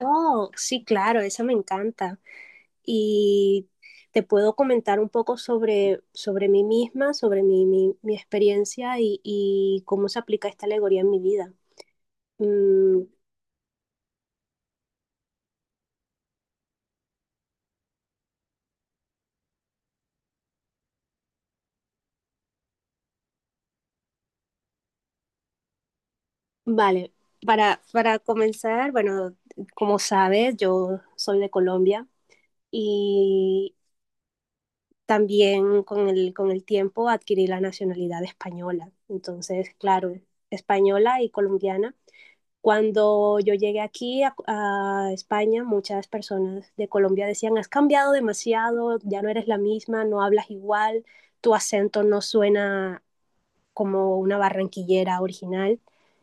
Oh, sí, claro, esa me encanta. Y te puedo comentar un poco sobre mí misma, sobre mi experiencia y cómo se aplica esta alegoría en mi vida. Mm, vale, para comenzar, bueno, como sabes, yo soy de Colombia y también con el tiempo adquirí la nacionalidad española. Entonces, claro, española y colombiana. Cuando yo llegué aquí a España, muchas personas de Colombia decían, has cambiado demasiado, ya no eres la misma, no hablas igual, tu acento no suena como una barranquillera original.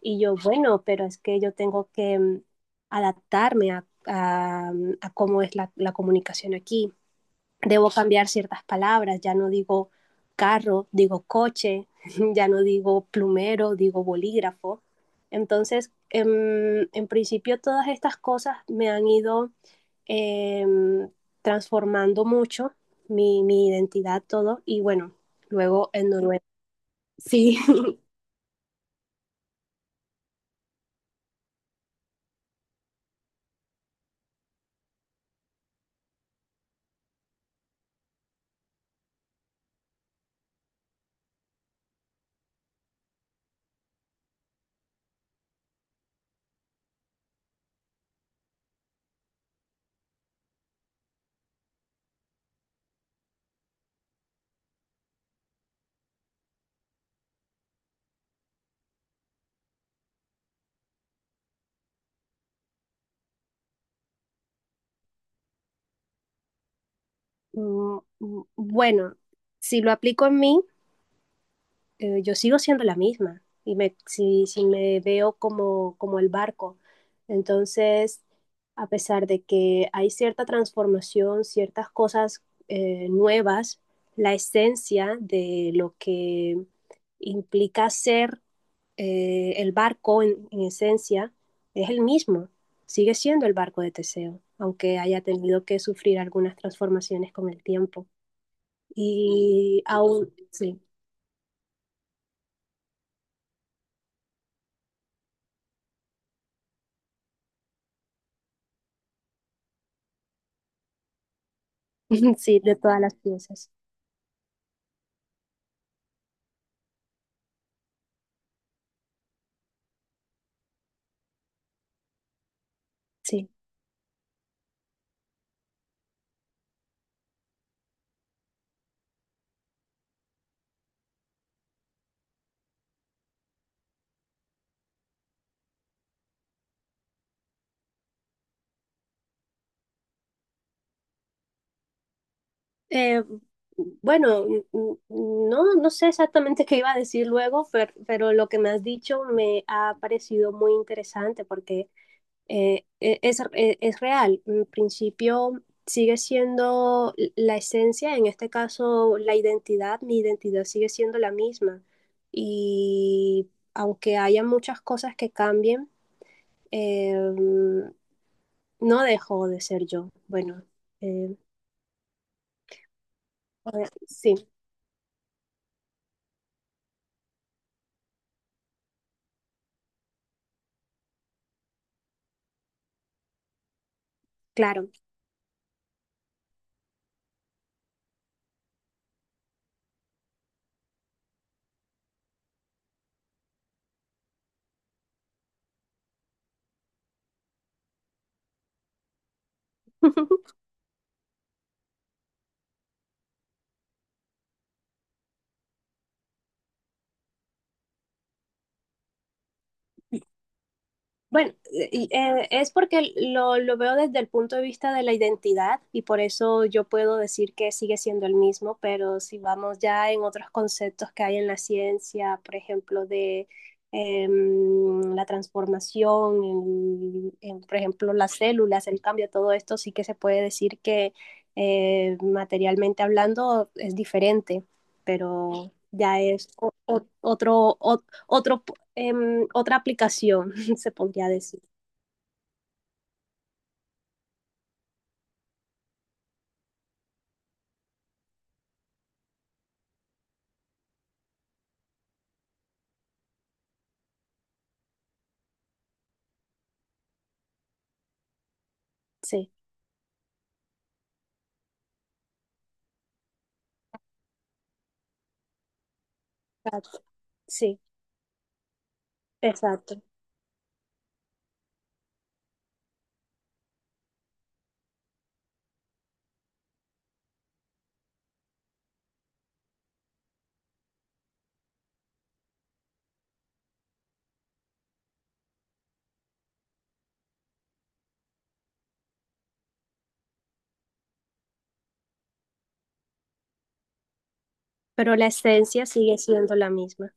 Y yo, bueno, pero es que yo tengo que adaptarme a cómo es la comunicación aquí. Debo cambiar ciertas palabras, ya no digo carro, digo coche, ya no digo plumero, digo bolígrafo. Entonces, en principio todas estas cosas me han ido eh, transformando mucho mi identidad, todo, y bueno, luego en Noruega. Sí, bueno, si lo aplico en mí, yo sigo siendo la misma y me, si me veo como el barco. Entonces, a pesar de que hay cierta transformación, ciertas cosas nuevas, la esencia de lo que implica ser, el barco en esencia es el mismo, sigue siendo el barco de Teseo, aunque haya tenido que sufrir algunas transformaciones con el tiempo. Y aún, sí, sí, de todas las piezas. Sí. Eh, bueno, no sé exactamente qué iba a decir luego, pero lo que me has dicho me ha parecido muy interesante porque es real. En principio sigue siendo la esencia, en este caso la identidad, mi identidad sigue siendo la misma. Y aunque haya muchas cosas que cambien, eh, no dejo de ser yo. Bueno, eh, sí, claro. Bueno, y, es porque lo veo desde el punto de vista de la identidad y por eso yo puedo decir que sigue siendo el mismo, pero si vamos ya en otros conceptos que hay en la ciencia, por ejemplo, de la transformación, por ejemplo, las células, el cambio, todo esto sí que se puede decir que materialmente hablando es diferente, pero ya es otro, otro, otra aplicación. Se podría decir. Sí, exacto. Sí, exacto. Pero la esencia sigue siendo la misma.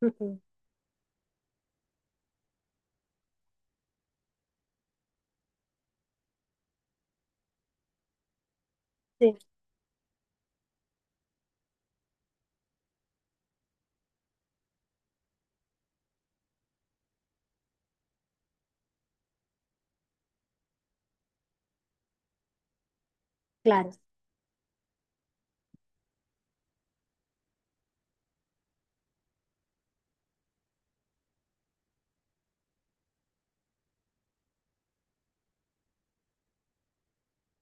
Ujú. Sí, claro.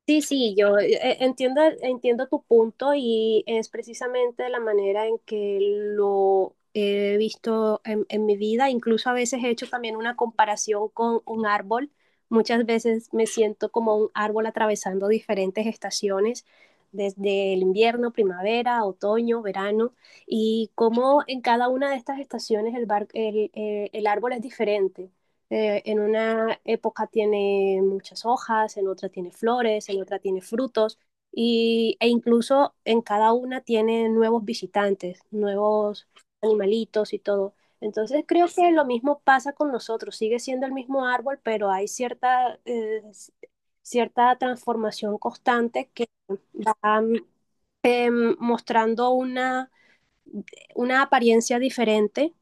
Sí, sí, yo entiendo, entiendo tu punto y es precisamente la manera en que lo he visto en mi vida. Incluso a veces he hecho también una comparación con un árbol. Muchas veces me siento como un árbol atravesando diferentes estaciones, desde el invierno, primavera, otoño, verano, y cómo en cada una de estas estaciones el árbol es diferente. En una época tiene muchas hojas, en otra tiene flores, en otra tiene frutos y, e incluso en cada una tiene nuevos visitantes, nuevos animalitos y todo. Entonces creo que lo mismo pasa con nosotros, sigue siendo el mismo árbol, pero hay cierta, cierta transformación constante que va eh, mostrando una apariencia diferente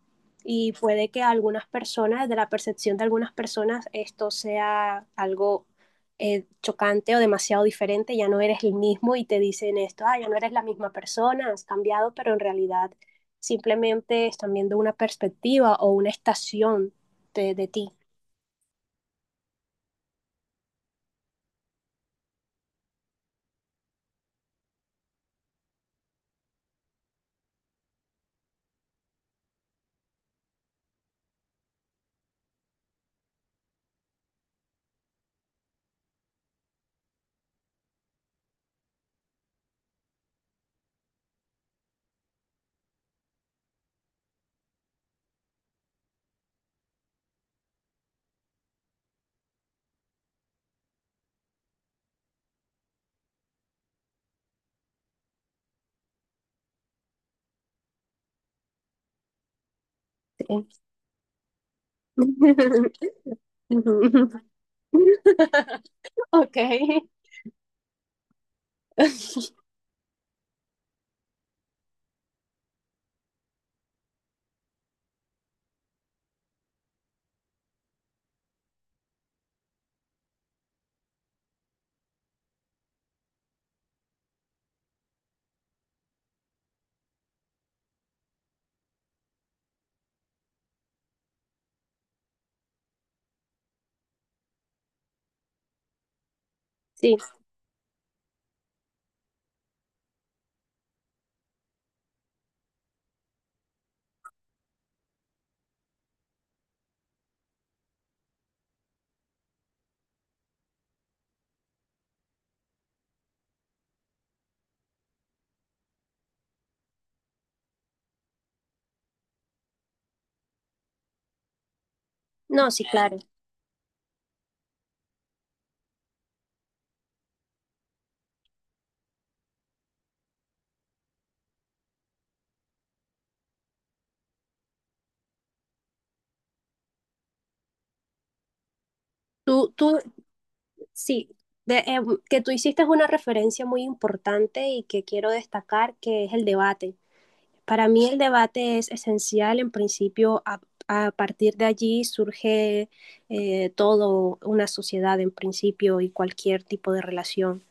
y puede que a algunas personas, de la percepción de algunas personas, esto sea algo chocante o demasiado diferente, ya no eres el mismo y te dicen esto, ah, ya no eres la misma persona, has cambiado, pero en realidad simplemente están viendo una perspectiva o una estación de ti. ¿Sí? Ok. Sí, no, sí, claro. Tú, tú, Sí, de, eh, que tú hiciste una referencia muy importante y que quiero destacar, que es el debate. Para mí el debate es esencial, en principio, a partir de allí surge todo una sociedad, en principio, y cualquier tipo de relación.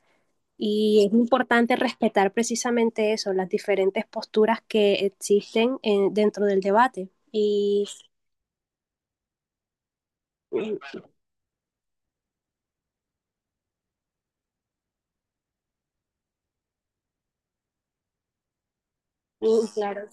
Y es importante respetar precisamente eso, las diferentes posturas que existen dentro del debate. Y claro,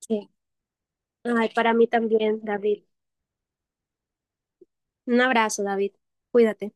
sí. Ay, para mí también, David. Un abrazo, David. Cuídate.